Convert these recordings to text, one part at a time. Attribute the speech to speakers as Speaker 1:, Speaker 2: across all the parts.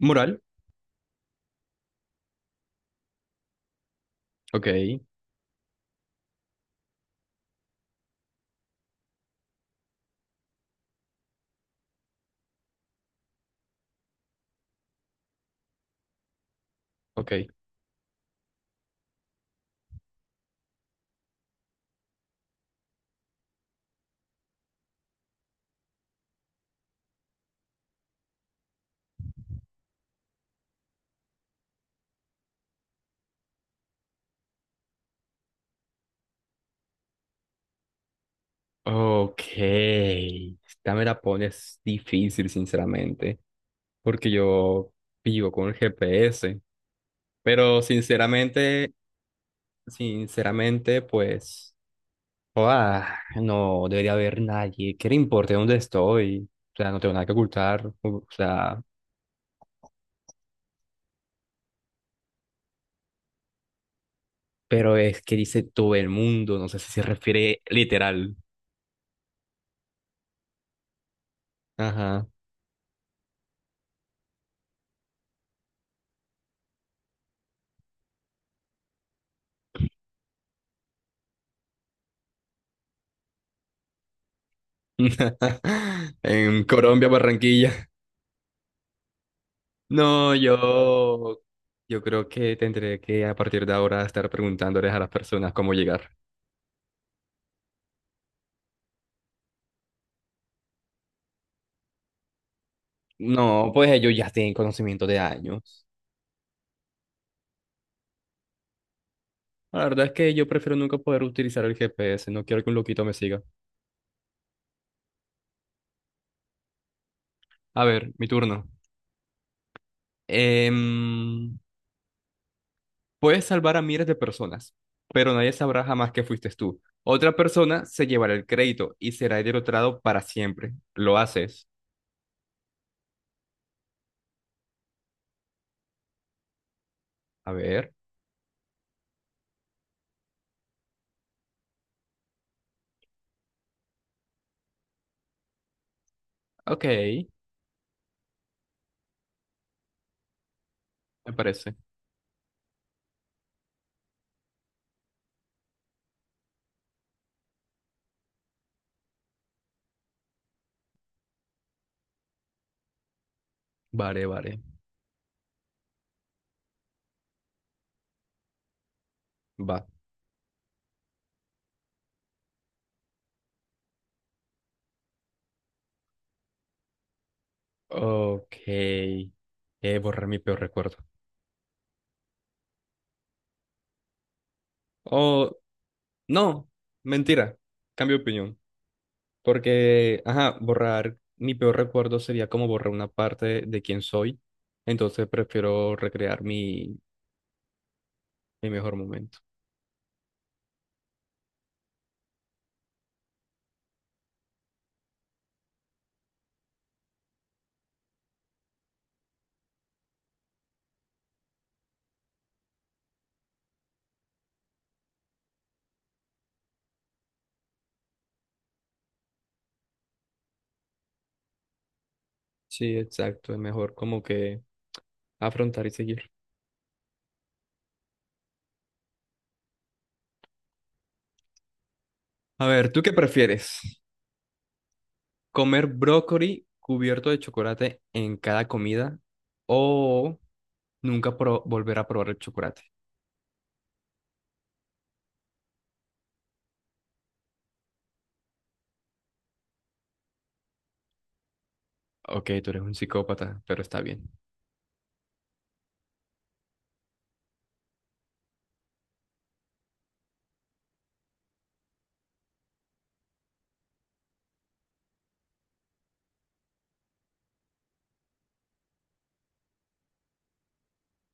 Speaker 1: Moral, ok, ok, ok. Esta me la pones difícil, sinceramente, porque yo vivo con el GPS, pero sinceramente, pues, no debería haber nadie que le importe dónde estoy, o sea, no tengo nada que ocultar, o sea, pero es que dice todo el mundo, no sé si se refiere literal. Ajá. En Colombia, Barranquilla. No, yo creo que tendré que a partir de ahora estar preguntándoles a las personas cómo llegar. No, pues ellos ya tienen conocimiento de años. La verdad es que yo prefiero nunca poder utilizar el GPS, no quiero que un loquito me siga. A ver, mi turno. Em, puedes salvar a miles de personas, pero nadie sabrá jamás que fuiste tú. Otra persona se llevará el crédito y será derrotado para siempre. Lo haces. A ver. Ok, me parece. Vale, vale. Va. Ok. Borrar mi peor recuerdo. O no, mentira. Cambio de opinión. Porque, ajá, borrar mi peor recuerdo sería como borrar una parte de quién soy. Entonces prefiero recrear mi mejor momento. Sí, exacto. Es mejor como que afrontar y seguir. A ver, ¿tú qué prefieres? ¿Comer brócoli cubierto de chocolate en cada comida o nunca volver a probar el chocolate? Ok, tú eres un psicópata, pero está bien.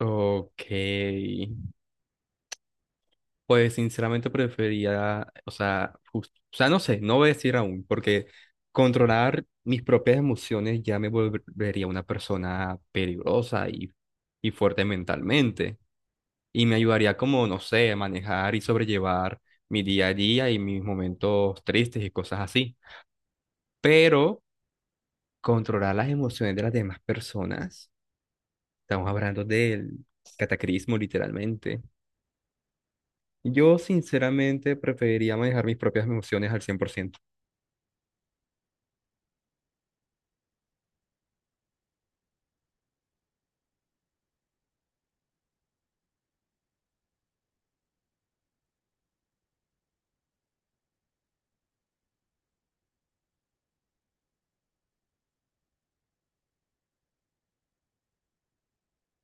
Speaker 1: Ok. Pues sinceramente prefería, o sea, o sea, no sé, no voy a decir aún, porque controlar mis propias emociones ya me volvería una persona peligrosa y fuerte mentalmente. Y me ayudaría como, no sé, a manejar y sobrellevar mi día a día y mis momentos tristes y cosas así. Pero controlar las emociones de las demás personas, estamos hablando del cataclismo literalmente. Yo sinceramente preferiría manejar mis propias emociones al 100%.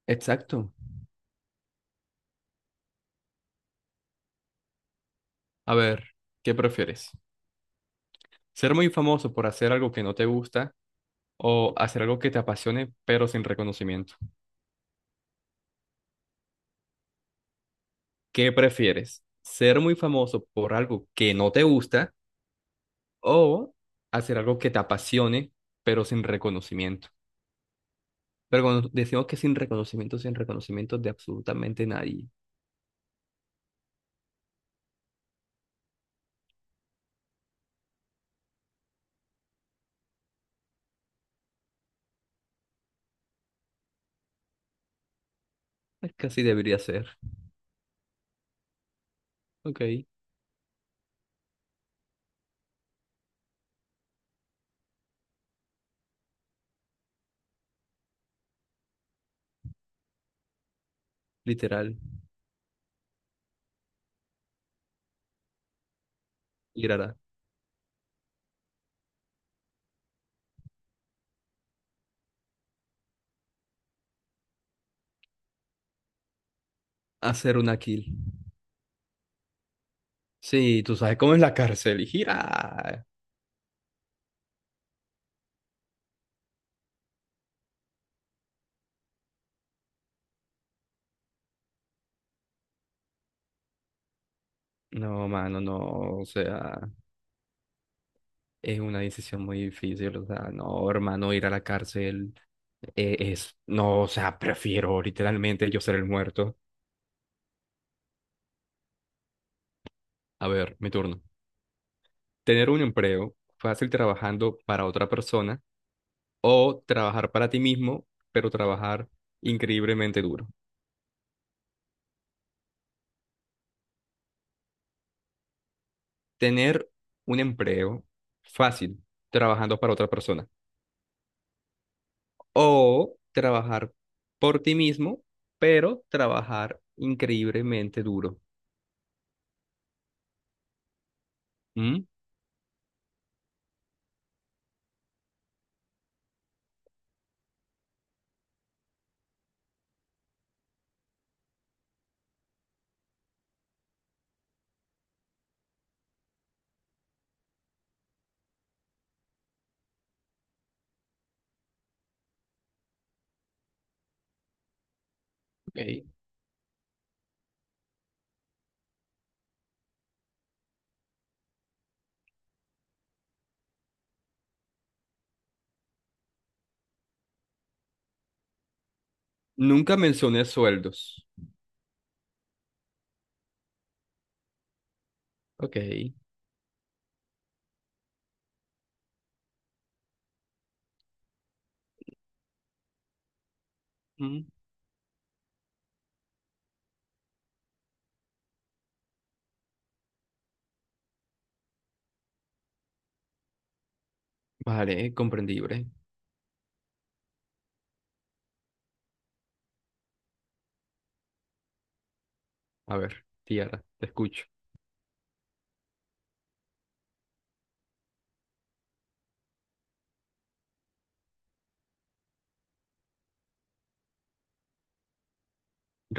Speaker 1: Exacto. A ver, ¿qué prefieres? Ser muy famoso por hacer algo que no te gusta o hacer algo que te apasione pero sin reconocimiento. ¿Qué prefieres? ¿Ser muy famoso por algo que no te gusta o hacer algo que te apasione pero sin reconocimiento? Pero cuando decimos que sin reconocimiento, sin reconocimiento de absolutamente nadie, es que así debería ser. Ok, literal, ir a hacer una kill. Sí, tú sabes cómo es la cárcel y gira. No, mano, no, o sea, es una decisión muy difícil, o sea, no, hermano, ir a la cárcel es, no, o sea, prefiero literalmente yo ser el muerto. A ver, mi turno. Tener un empleo fácil trabajando para otra persona o trabajar para ti mismo, pero trabajar increíblemente duro. Tener un empleo fácil trabajando para otra persona. O trabajar por ti mismo, pero trabajar increíblemente duro. ¿Mm? Ok. Nunca mencioné sueldos. Ok. Mm. Vale, comprendible. A ver, Tiara, te escucho.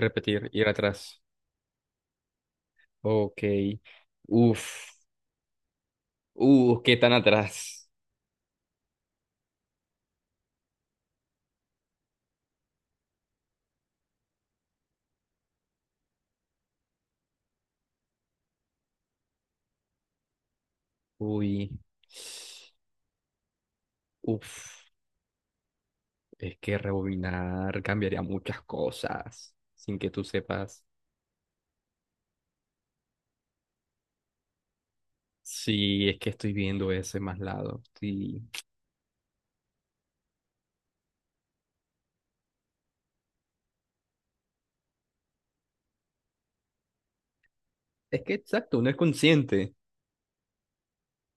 Speaker 1: Repetir, ir atrás. Ok. Uf. ¿Qué tan atrás? Uy. Uf. Es que rebobinar cambiaría muchas cosas sin que tú sepas. Sí, es que estoy viendo ese más lado. Sí. Es que exacto, uno es consciente,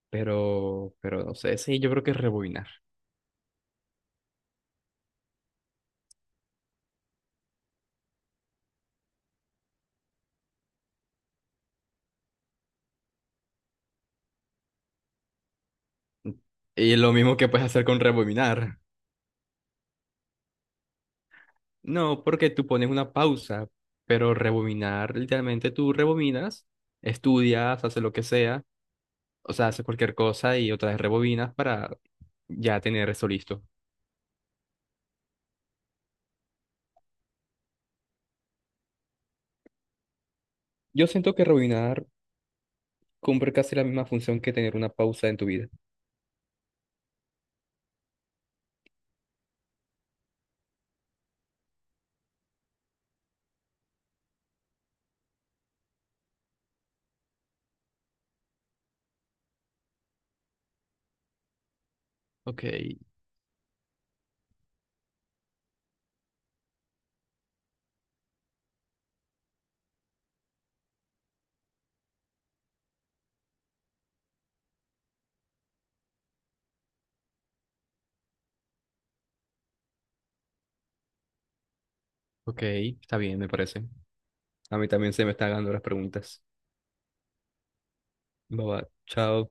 Speaker 1: pero no sé, sí, yo creo que es rebobinar. Y lo mismo que puedes hacer con rebobinar. No, porque tú pones una pausa, pero rebobinar, literalmente tú rebobinas, estudias, haces lo que sea, o sea, haces cualquier cosa y otra vez rebobinas para ya tener eso listo. Yo siento que rebobinar cumple casi la misma función que tener una pausa en tu vida. Ok, ok, está bien, me parece. A mí también se me están dando las preguntas. Bye bye. Chao.